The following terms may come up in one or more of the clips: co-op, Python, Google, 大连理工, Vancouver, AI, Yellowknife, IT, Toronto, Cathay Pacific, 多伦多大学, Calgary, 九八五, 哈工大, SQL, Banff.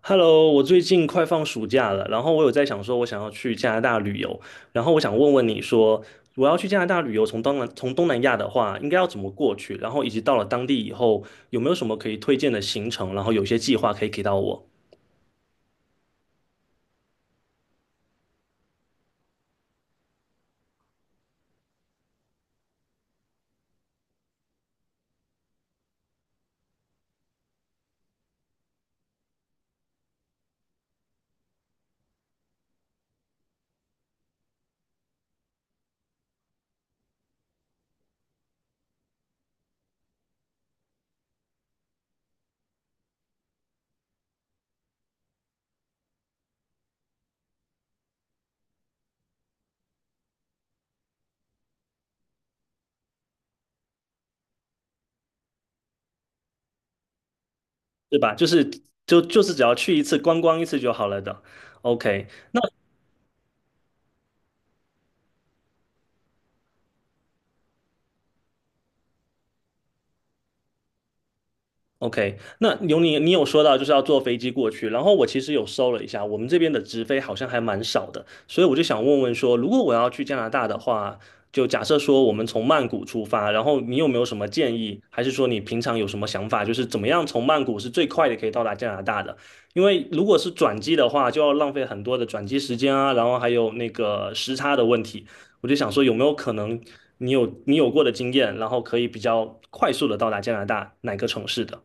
Hello，我最近快放暑假了，然后我有在想说，我想要去加拿大旅游，然后我想问问你说，我要去加拿大旅游，从东南亚的话，应该要怎么过去？然后以及到了当地以后，有没有什么可以推荐的行程？然后有些计划可以给到我，对吧？就是只要去一次观光一次就好了的。OK。OK，那有你，你有说到就是要坐飞机过去，然后我其实有搜了一下，我们这边的直飞好像还蛮少的，所以我就想问问说，如果我要去加拿大的话，就假设说我们从曼谷出发，然后你有没有什么建议，还是说你平常有什么想法，就是怎么样从曼谷是最快的可以到达加拿大的？因为如果是转机的话，就要浪费很多的转机时间啊，然后还有那个时差的问题，我就想说有没有可能你有过的经验，然后可以比较快速的到达加拿大哪个城市的？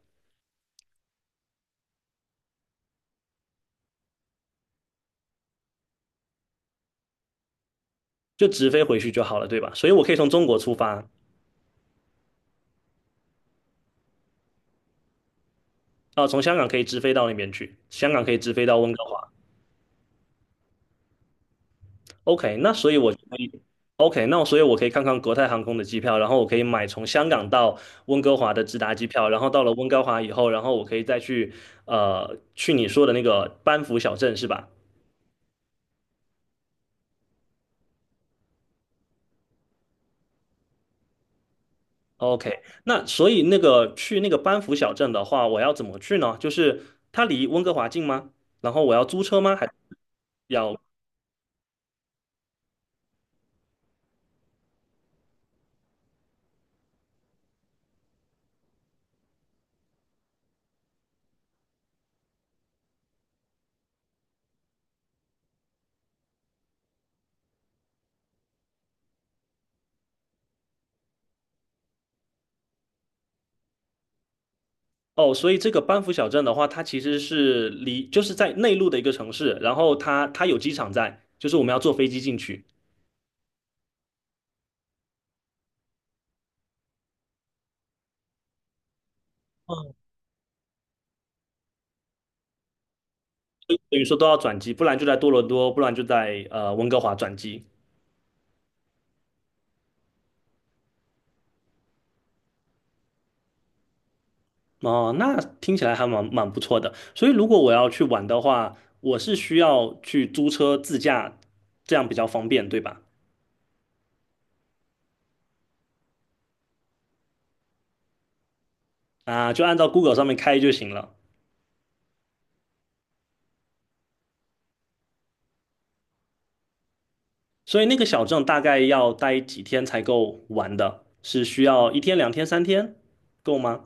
就直飞回去就好了，对吧？所以我可以从中国出发。啊，从香港可以直飞到那边去，香港可以直飞到温哥华。OK，那所以我就可以。OK，那所以我可以看看国泰航空的机票，然后我可以买从香港到温哥华的直达机票，然后到了温哥华以后，然后我可以再去去你说的那个班夫小镇是吧？OK，那所以那个去那个班夫小镇的话，我要怎么去呢？就是它离温哥华近吗？然后我要租车吗？还要？哦，所以这个班夫小镇的话，它其实是离就是在内陆的一个城市，然后它有机场在，就是我们要坐飞机进去，嗯，等于说都要转机，不然就在多伦多，不然就在温哥华转机。哦，那听起来还蛮不错的。所以如果我要去玩的话，我是需要去租车自驾，这样比较方便，对吧？啊，就按照 Google 上面开就行了。所以那个小镇大概要待几天才够玩的？是需要一天、两天、三天够吗？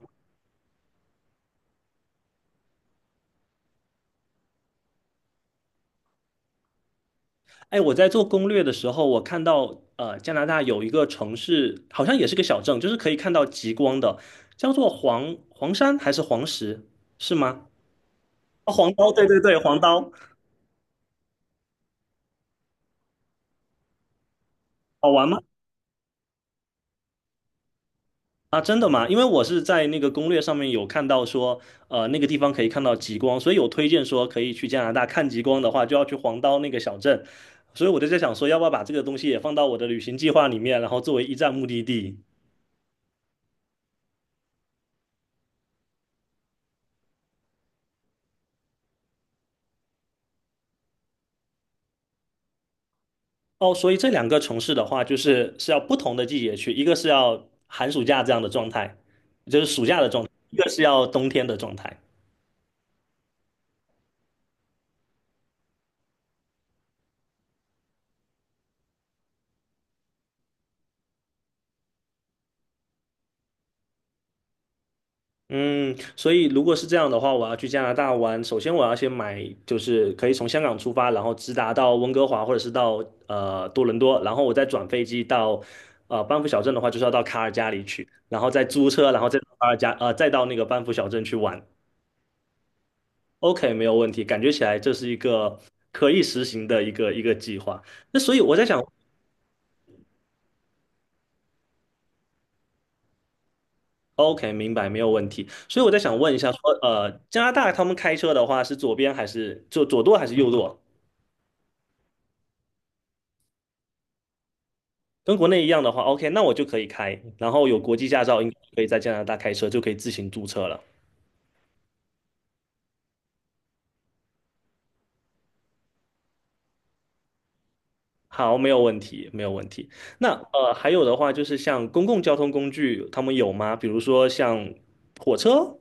哎，我在做攻略的时候，我看到加拿大有一个城市，好像也是个小镇，就是可以看到极光的，叫做黄山还是黄石，是吗？哦黄刀，对对对，黄刀，好玩吗？啊，真的吗？因为我是在那个攻略上面有看到说，呃，那个地方可以看到极光，所以有推荐说可以去加拿大看极光的话，就要去黄刀那个小镇，所以我就在想说，要不要把这个东西也放到我的旅行计划里面，然后作为一站目的地。哦，所以这两个城市的话，就是是要不同的季节去，一个是要寒暑假这样的状态，就是暑假的状态，一个是要冬天的状态。嗯，所以如果是这样的话，我要去加拿大玩，首先我要先买，就是可以从香港出发，然后直达到温哥华或者是到多伦多，然后我再转飞机到班夫小镇的话，就是要到卡尔加里去，然后再租车，然后再到卡尔加呃再到那个班夫小镇去玩。OK，没有问题，感觉起来这是一个可以实行的一个计划。那所以我在想。OK，明白，没有问题。所以我在想问一下说，呃，加拿大他们开车的话是左边还是就左舵还是右舵？跟国内一样的话，OK，那我就可以开，然后有国际驾照，应该可以在加拿大开车，就可以自行注册了。好，没有问题，没有问题。那还有的话就是像公共交通工具，他们有吗？比如说像火车，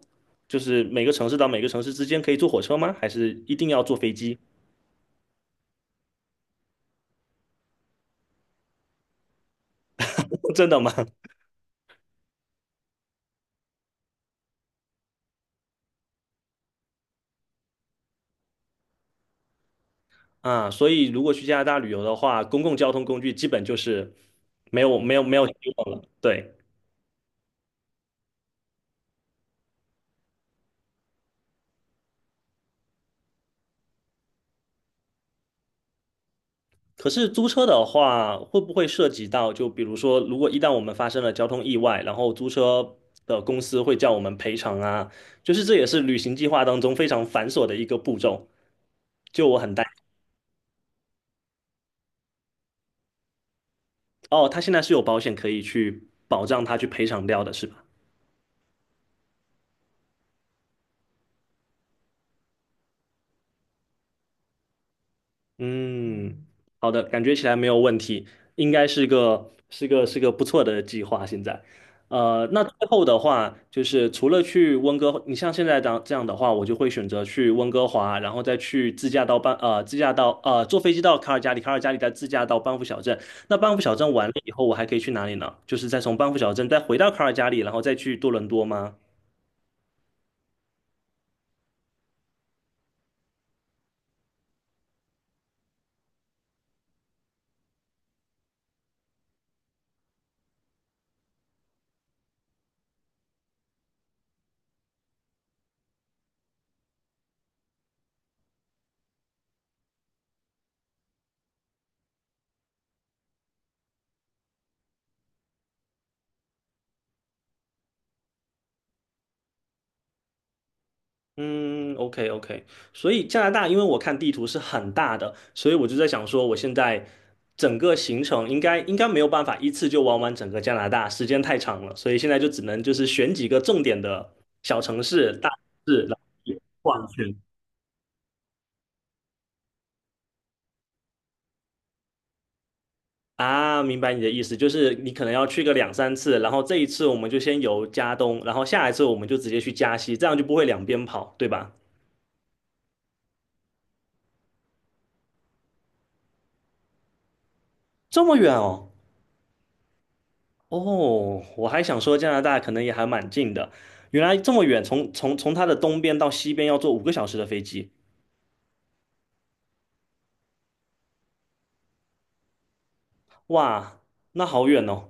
就是每个城市到每个城市之间可以坐火车吗？还是一定要坐飞机？真的吗？啊，所以如果去加拿大旅游的话，公共交通工具基本就是没有希望了。对。可是租车的话，会不会涉及到，就比如说，如果一旦我们发生了交通意外，然后租车的公司会叫我们赔偿啊？就是这也是旅行计划当中非常繁琐的一个步骤。就我很担。哦，他现在是有保险可以去保障他去赔偿掉的，是吧？嗯，好的，感觉起来没有问题，应该是个是个是个不错的计划。现在，那最后的话，就是除了去温哥，你像现在这样的话，我就会选择去温哥华，然后再去自驾到班，自驾到坐飞机到卡尔加里，卡尔加里再自驾到班夫小镇。那班夫小镇完了以后，我还可以去哪里呢？就是再从班夫小镇再回到卡尔加里，然后再去多伦多吗？嗯，OK OK，所以加拿大，因为我看地图是很大的，所以我就在想说，我现在整个行程应该没有办法一次就玩完整个加拿大，时间太长了，所以现在就只能就是选几个重点的小城市、大城市，然后去逛去。啊，明白你的意思，就是你可能要去个两三次，然后这一次我们就先游加东，然后下一次我们就直接去加西，这样就不会两边跑，对吧？这么远哦。哦，我还想说加拿大可能也还蛮近的，原来这么远，从它的东边到西边要坐5个小时的飞机，哇，那好远哦。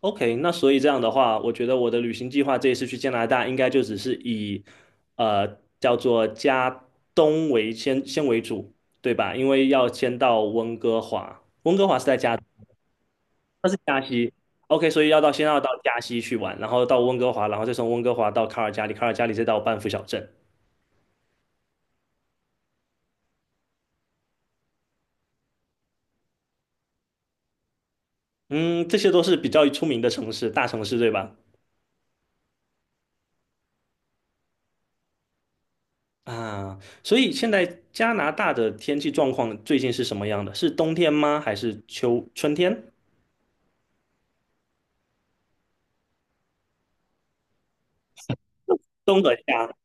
OK，那所以这样的话，我觉得我的旅行计划这一次去加拿大应该就只是以呃叫做加东为先为主，对吧？因为要先到温哥华，温哥华是在加，那是加西。OK，所以要到先要到加西去玩，然后到温哥华，然后再从温哥华到卡尔加里，卡尔加里再到班夫小镇。嗯，这些都是比较出名的城市，大城市对吧？啊，所以现在加拿大的天气状况最近是什么样的？是冬天吗？还是秋春天？冬和夏。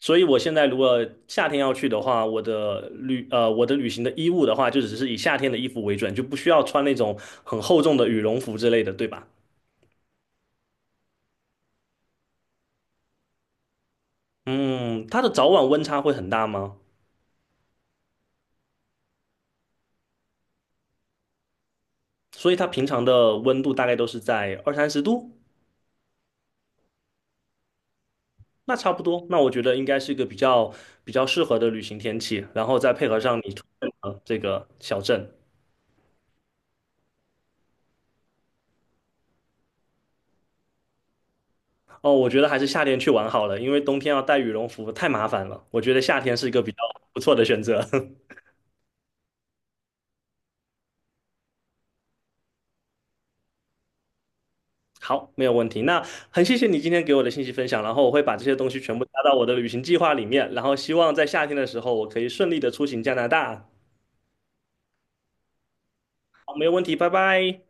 所以我现在如果夏天要去的话，我的旅行的衣物的话，就只是以夏天的衣服为准，就不需要穿那种很厚重的羽绒服之类的，对吧？嗯，它的早晚温差会很大吗？所以它平常的温度大概都是在二三十度。那差不多，那我觉得应该是一个比较适合的旅行天气，然后再配合上你推荐的这个小镇。哦，我觉得还是夏天去玩好了，因为冬天要带羽绒服太麻烦了。我觉得夏天是一个比较不错的选择。好，没有问题。那很谢谢你今天给我的信息分享，然后我会把这些东西全部加到我的旅行计划里面，然后希望在夏天的时候我可以顺利的出行加拿大。好，没有问题，拜拜。